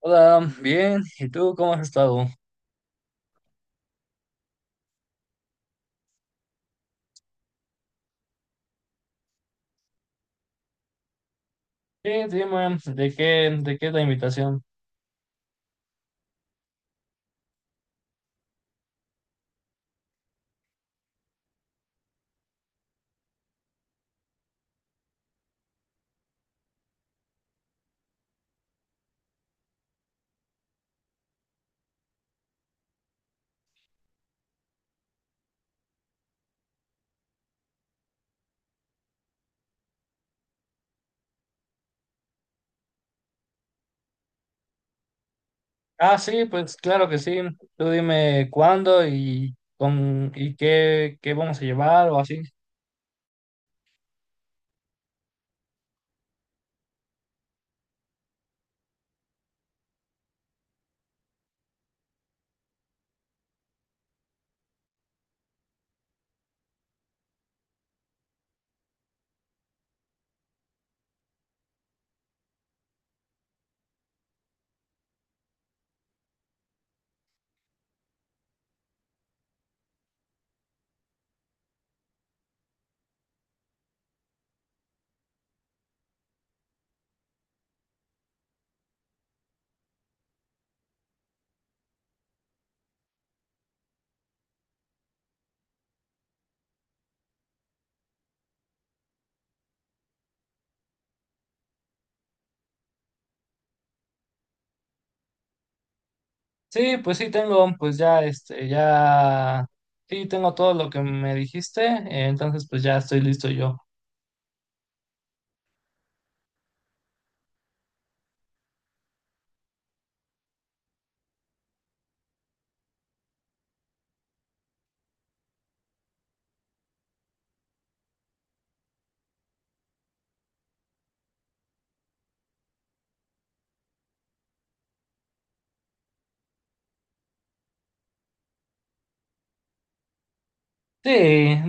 Hola, bien. ¿Y tú cómo has estado? Sí, dime, ¿de qué la invitación. Ah, sí, pues claro que sí. Tú dime cuándo y con y qué vamos a llevar o así. Sí, pues sí tengo, pues ya este, ya sí tengo todo lo que me dijiste, entonces pues ya estoy listo yo. Sí,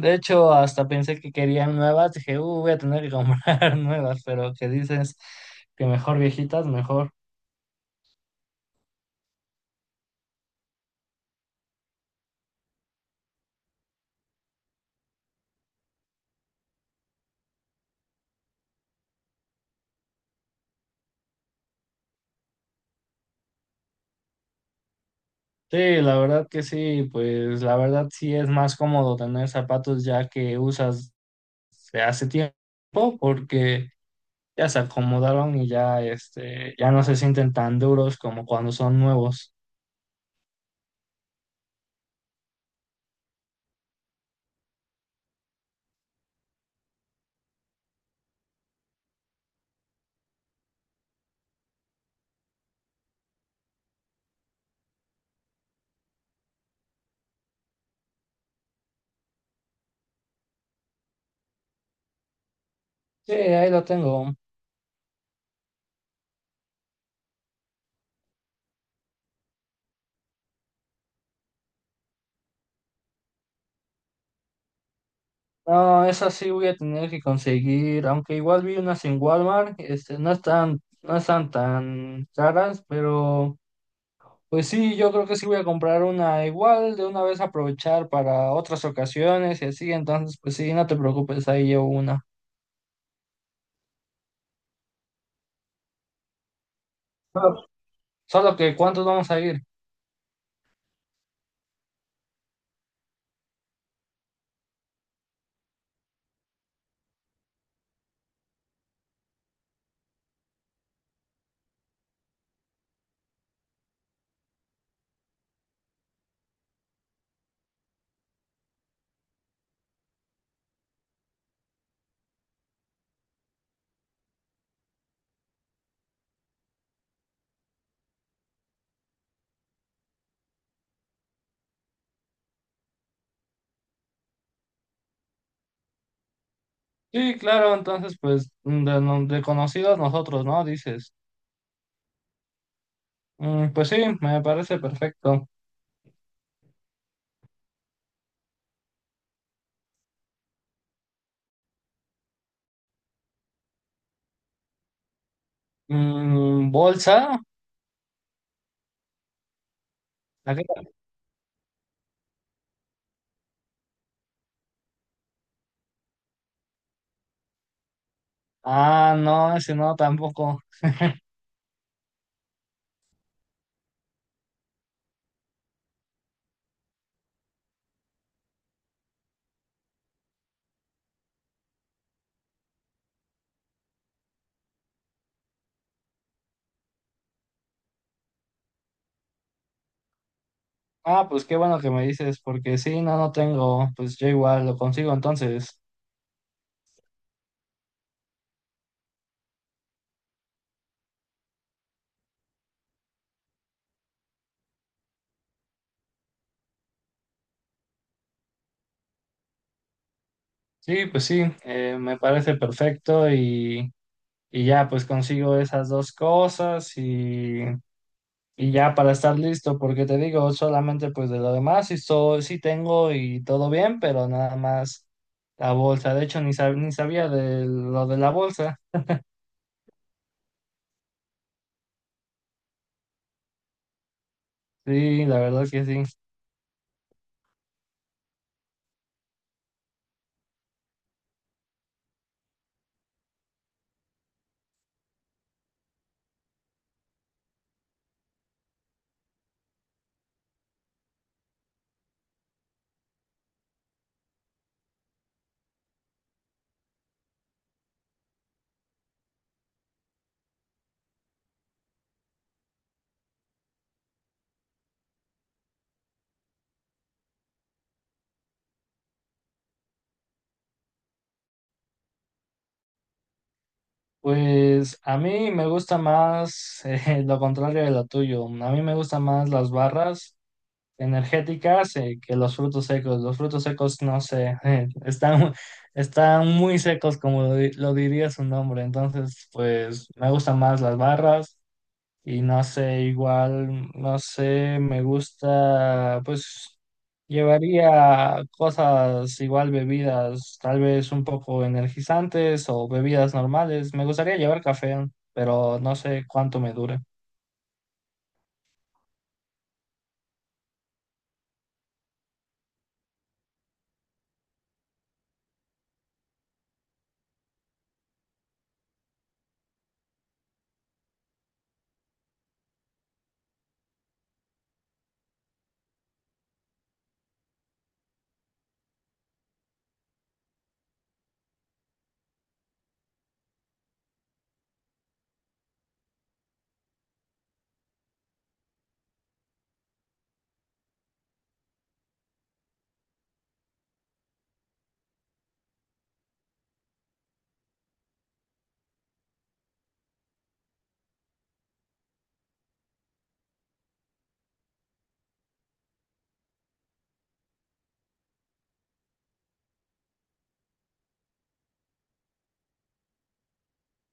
de hecho hasta pensé que querían nuevas, dije, voy a tener que comprar nuevas, pero que dices que mejor viejitas, mejor. Sí, la verdad que sí, pues la verdad sí es más cómodo tener zapatos ya que usas de hace tiempo porque ya se acomodaron y ya este ya no se sienten tan duros como cuando son nuevos. Sí, ahí lo tengo. No, esas sí voy a tener que conseguir, aunque igual vi unas en Walmart, este no están tan caras. Pero pues sí, yo creo que sí voy a comprar una igual, de una vez aprovechar para otras ocasiones y así, entonces pues sí, no te preocupes, ahí llevo una. Solo solo que ¿cuántos vamos a ir? Sí, claro, entonces pues mm, de conocidos nosotros, ¿no? Dices. Mm, pues sí, me parece perfecto. Mm, ¿bolsa? ¿La qué? Ah, no, ese no, tampoco. Ah, pues qué bueno que me dices, porque sí, no, no tengo, pues yo igual lo consigo entonces. Sí, pues sí, me parece perfecto. Y y ya pues consigo esas dos cosas y ya para estar listo, porque te digo, solamente pues de lo demás sí, sí tengo y todo bien, pero nada más la bolsa. De hecho ni sabía de lo de la bolsa, sí, la verdad que sí. Pues a mí me gusta más lo contrario de lo tuyo, a mí me gustan más las barras energéticas que los frutos secos. Los frutos secos, no sé, están, están muy secos, como lo diría su nombre. Entonces, pues me gustan más las barras y no sé, igual, no sé, me gusta, pues llevaría cosas igual, bebidas, tal vez un poco energizantes o bebidas normales. Me gustaría llevar café, pero no sé cuánto me dure.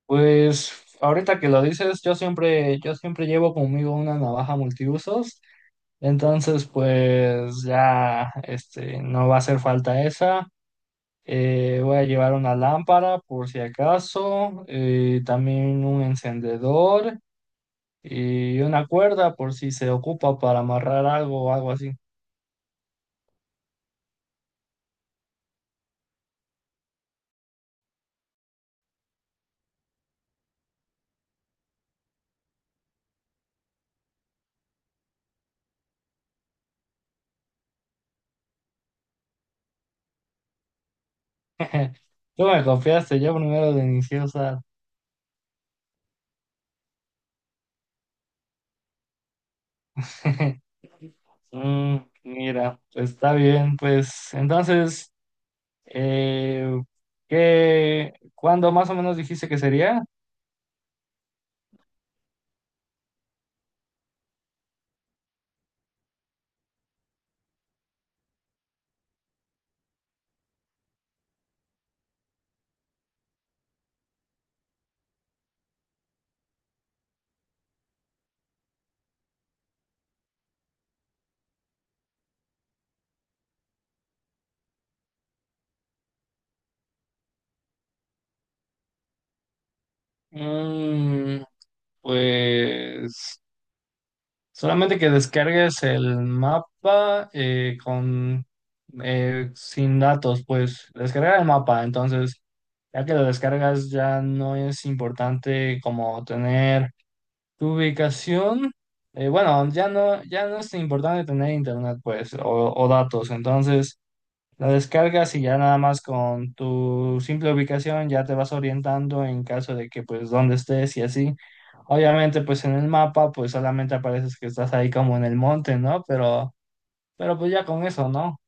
Pues ahorita que lo dices, yo siempre llevo conmigo una navaja multiusos, entonces pues ya este, no va a hacer falta esa. Voy a llevar una lámpara por si acaso, también un encendedor y una cuerda por si se ocupa para amarrar algo o algo así. Tú me confiaste, yo primero de iniciosa. Mm, mira, pues está bien, pues entonces... Eh, ¿qué- cuándo más o menos dijiste que sería? Mm, pues solamente que descargues el mapa con sin datos, pues descargar el mapa. Entonces, ya que lo descargas, ya no es importante como tener tu ubicación. Bueno, ya no es importante tener internet, pues, o datos. Entonces la descargas y ya nada más con tu simple ubicación ya te vas orientando en caso de que pues dónde estés y así. Obviamente pues en el mapa pues solamente apareces que estás ahí como en el monte, ¿no? Pero pues ya con eso, ¿no?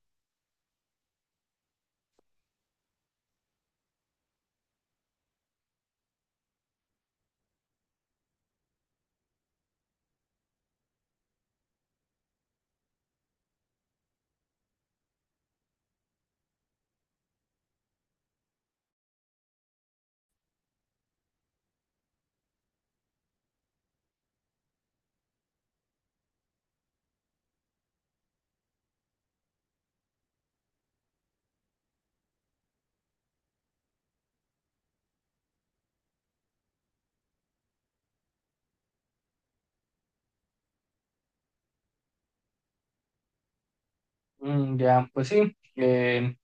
Mm, ya, pues sí.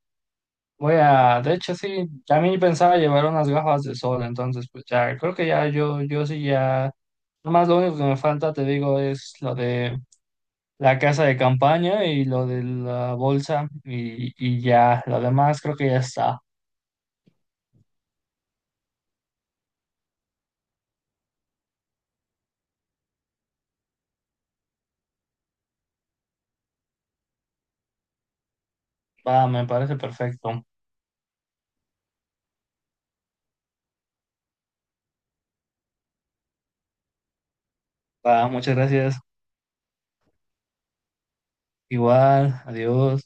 voy a, de hecho sí, también pensaba llevar unas gafas de sol, entonces pues ya, creo que ya yo sí ya, nomás lo único que me falta, te digo, es lo de la casa de campaña y lo de la bolsa, y ya, lo demás creo que ya está. Va, me parece perfecto. Va, muchas gracias. Igual, adiós.